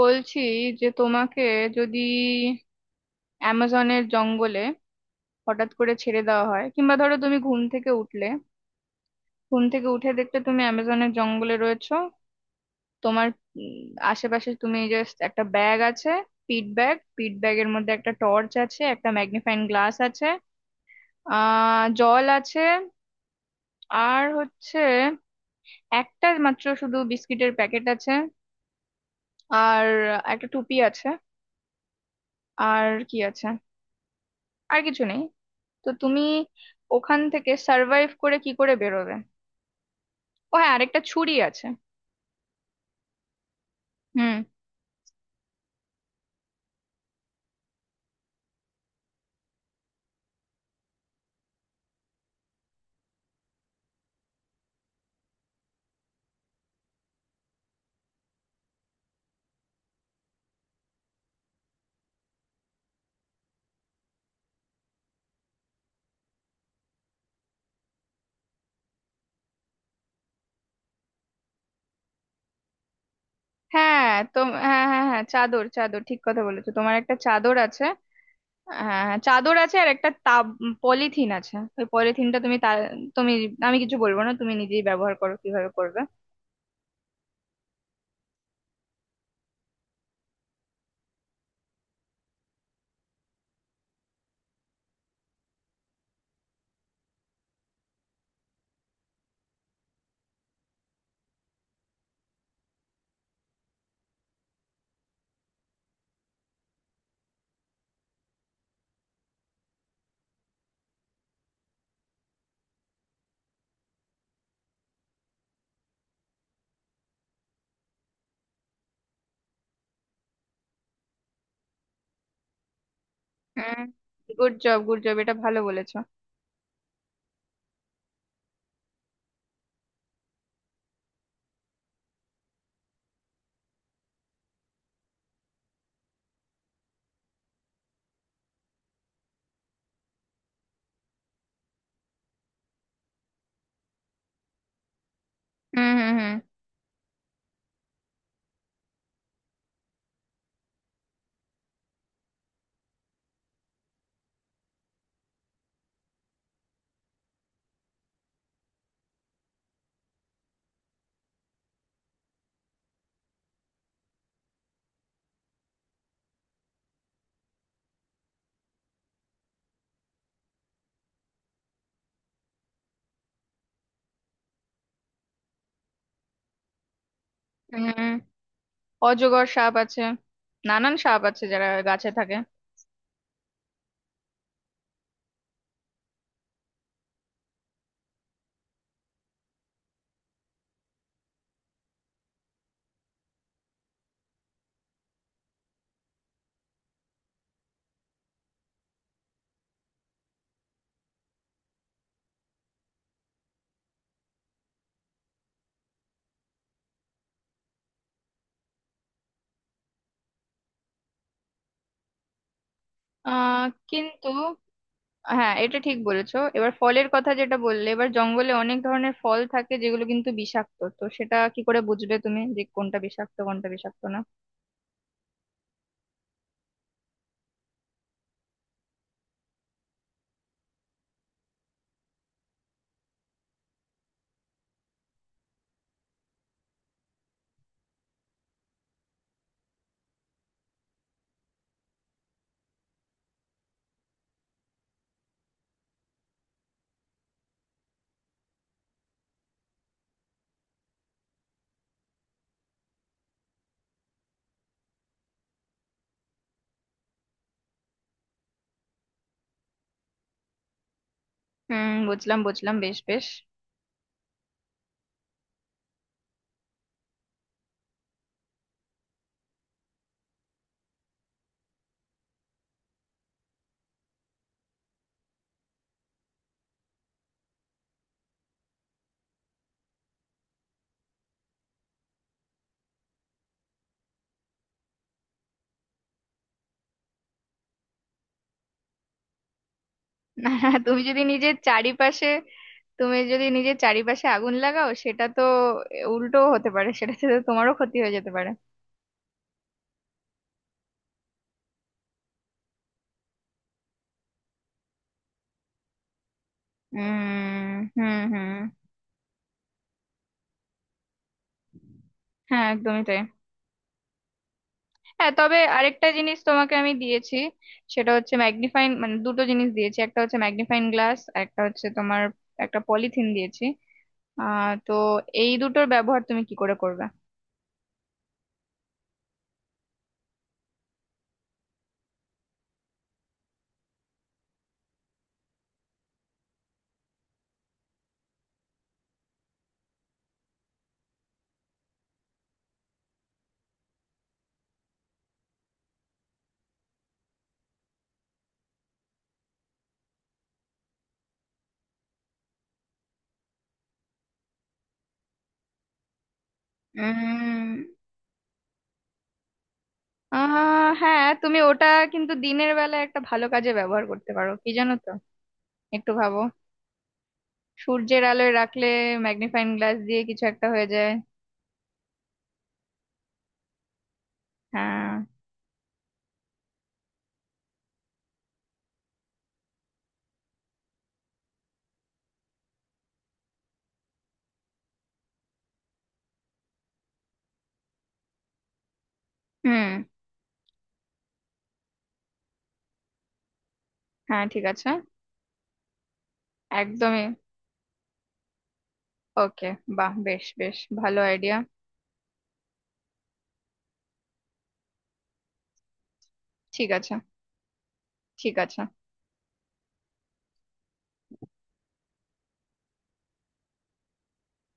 বলছি যে তোমাকে যদি অ্যামাজনের জঙ্গলে হঠাৎ করে ছেড়ে দেওয়া হয়, কিংবা ধরো তুমি ঘুম থেকে উঠলে, ঘুম থেকে উঠে দেখতে তুমি অ্যামাজনের জঙ্গলে রয়েছো। তোমার উম, আশেপাশে তুমি জাস্ট একটা ব্যাগ আছে। পিট ব্যাগ, পিট ব্যাগের মধ্যে একটা টর্চ আছে, একটা ম্যাগনিফাইং গ্লাস আছে, জল আছে, আর হচ্ছে একটা মাত্র শুধু বিস্কিটের প্যাকেট আছে, আর একটা টুপি আছে। আর কি আছে? আর কিছু নেই। তো তুমি ওখান থেকে সার্ভাইভ করে কি করে বেরোবে? ও হ্যাঁ, আরেকটা ছুরি আছে। হুম। হ্যাঁ তো, হ্যাঁ, হ্যাঁ, হ্যাঁ, চাদর, চাদর ঠিক কথা বলেছো, তোমার একটা চাদর আছে। হ্যাঁ, হ্যাঁ, হ্যাঁ, চাদর আছে, আর একটা পলিথিন আছে। ওই পলিথিনটা তুমি তুমি আমি কিছু বলবো না, তুমি নিজেই ব্যবহার করো কিভাবে করবে। হুম। গুড জব, গুড জব, এটা ভালো বলেছো। হুম হুম হুম। হুম। অজগর সাপ আছে, নানান সাপ আছে যারা গাছে থাকে। আহ কিন্তু হ্যাঁ, এটা ঠিক বলেছো। এবার ফলের কথা যেটা বললে, এবার জঙ্গলে অনেক ধরনের ফল থাকে যেগুলো কিন্তু বিষাক্ত। তো সেটা কি করে বুঝবে তুমি যে কোনটা বিষাক্ত, কোনটা বিষাক্ত না? হুম, বুঝলাম বুঝলাম, বেশ বেশ। তুমি যদি নিজের চারিপাশে তুমি যদি নিজের চারিপাশে আগুন লাগাও, সেটা তো উল্টো হতে পারে, সেটাতে তো তোমারও ক্ষতি হয়ে যেতে পারে। উম হুম, হুম। হ্যাঁ, একদমই তাই। হ্যাঁ, তবে আরেকটা জিনিস তোমাকে আমি দিয়েছি। সেটা হচ্ছে ম্যাগনিফাইং, মানে দুটো জিনিস দিয়েছি, একটা হচ্ছে ম্যাগনিফাইং গ্লাস, একটা হচ্ছে তোমার একটা পলিথিন দিয়েছি। তো এই দুটোর ব্যবহার তুমি কি করে করবে? উম, আহ হ্যাঁ, তুমি ওটা কিন্তু দিনের বেলা একটা ভালো কাজে ব্যবহার করতে পারো, কি জানো তো? একটু ভাবো। সূর্যের আলোয় রাখলে ম্যাগনিফাইং গ্লাস দিয়ে কিছু একটা হয়ে যায়। হ্যাঁ। হুম। হ্যাঁ ঠিক আছে। একদমই। ওকে। বাহ, বেশ বেশ, ভালো আইডিয়া। ঠিক আছে, ঠিক আছে।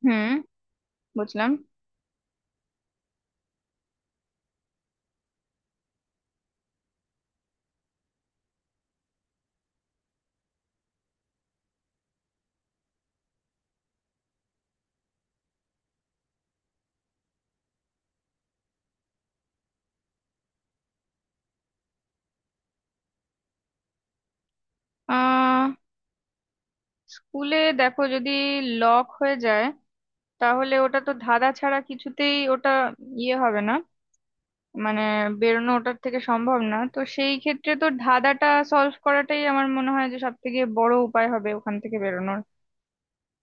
হুম, বুঝলাম। আহ স্কুলে দেখো যদি লক হয়ে যায়, তাহলে ওটা তো ধাঁধা ছাড়া কিছুতেই ওটা ইয়ে হবে না। মানে বেরোনো ওটার থেকে সম্ভব না। তো সেই ক্ষেত্রে তো ধাঁধাটা সলভ করাটাই আমার মনে হয় যে সব থেকে বড় উপায় হবে ওখান থেকে বেরোনোর।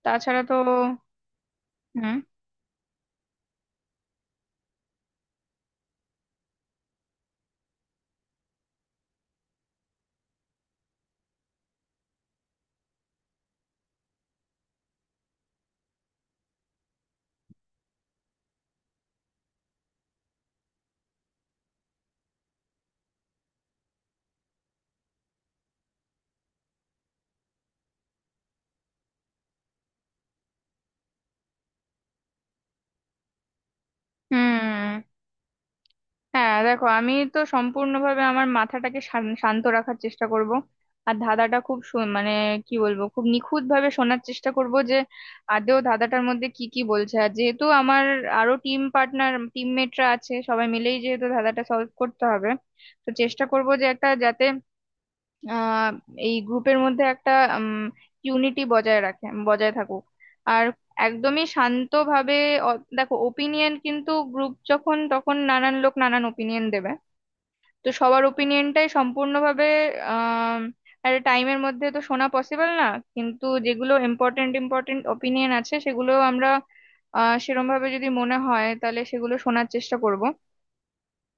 তাছাড়া তো। হুম হুম। হ্যাঁ, দেখো আমি তো সম্পূর্ণভাবে আমার মাথাটাকে শান্ত রাখার চেষ্টা করব। আর ধাঁধাটা খুব মানে কি বলবো, খুব নিখুঁত ভাবে শোনার চেষ্টা করব যে আদৌ ধাঁধাটার মধ্যে কি কি বলছে। আর যেহেতু আমার আরো টিম পার্টনার, টিমমেটরা আছে, সবাই মিলেই যেহেতু ধাঁধাটা সলভ করতে হবে, তো চেষ্টা করব যে একটা যাতে আহ এই গ্রুপের মধ্যে একটা ইউনিটি বজায় থাকুক। আর একদমই শান্তভাবে। দেখো ওপিনিয়ন, কিন্তু গ্রুপ যখন, তখন নানান লোক নানান ওপিনিয়ন দেবে। তো সবার ওপিনিয়নটাই সম্পূর্ণভাবে আহ একটা টাইমের মধ্যে তো শোনা পসিবল না। কিন্তু যেগুলো ইম্পর্টেন্ট, ইম্পর্টেন্ট ওপিনিয়ন আছে সেগুলো আমরা সেরম ভাবে যদি মনে হয় তাহলে সেগুলো শোনার চেষ্টা করব।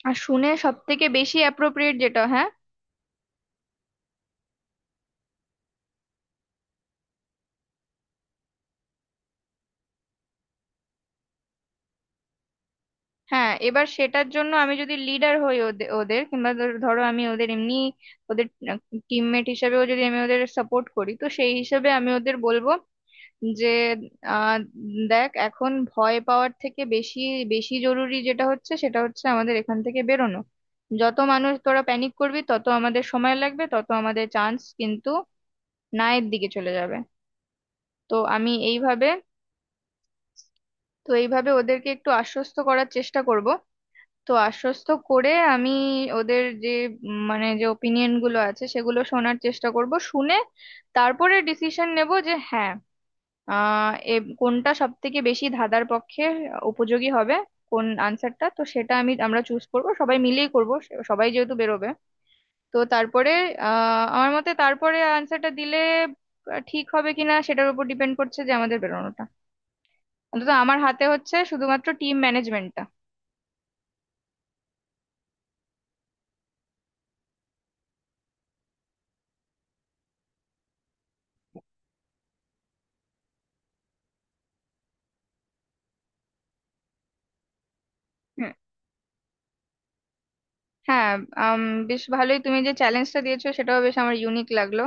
আর শুনে সব থেকে বেশি অ্যাপ্রোপ্রিয়েট যেটা, হ্যাঁ। হ্যাঁ, এবার সেটার জন্য আমি যদি লিডার হই ওদের, কিংবা ধরো আমি ওদের এমনি ওদের টিমমেট হিসেবেও যদি আমি ওদের সাপোর্ট করি, তো সেই হিসেবে আমি ওদের বলবো যে আহ, দেখ এখন ভয় পাওয়ার থেকে বেশি বেশি জরুরি যেটা হচ্ছে সেটা হচ্ছে আমাদের এখান থেকে বেরোনো। যত মানুষ তোরা প্যানিক করবি, তত আমাদের সময় লাগবে, তত আমাদের চান্স কিন্তু নায়ের দিকে চলে যাবে। তো আমি এইভাবে, তো এইভাবে ওদেরকে একটু আশ্বস্ত করার চেষ্টা করব। তো আশ্বস্ত করে আমি ওদের যে মানে যে ওপিনিয়ন গুলো আছে সেগুলো শোনার চেষ্টা করব, শুনে তারপরে ডিসিশন নেব যে হ্যাঁ, আহ এ কোনটা সব থেকে বেশি ধাঁধার পক্ষে উপযোগী হবে, কোন আনসারটা। তো সেটা আমরা চুজ করব, সবাই মিলেই করব, সবাই যেহেতু বেরোবে। তো তারপরে আমার মতে তারপরে আনসারটা দিলে ঠিক হবে কিনা সেটার উপর ডিপেন্ড করছে যে আমাদের বেরোনোটা। অন্তত আমার হাতে হচ্ছে শুধুমাত্র টিম ম্যানেজমেন্টটা। হ্যাঁ। আম, বেশ ভালোই, তুমি যে চ্যালেঞ্জটা দিয়েছো সেটাও বেশ আমার ইউনিক লাগলো।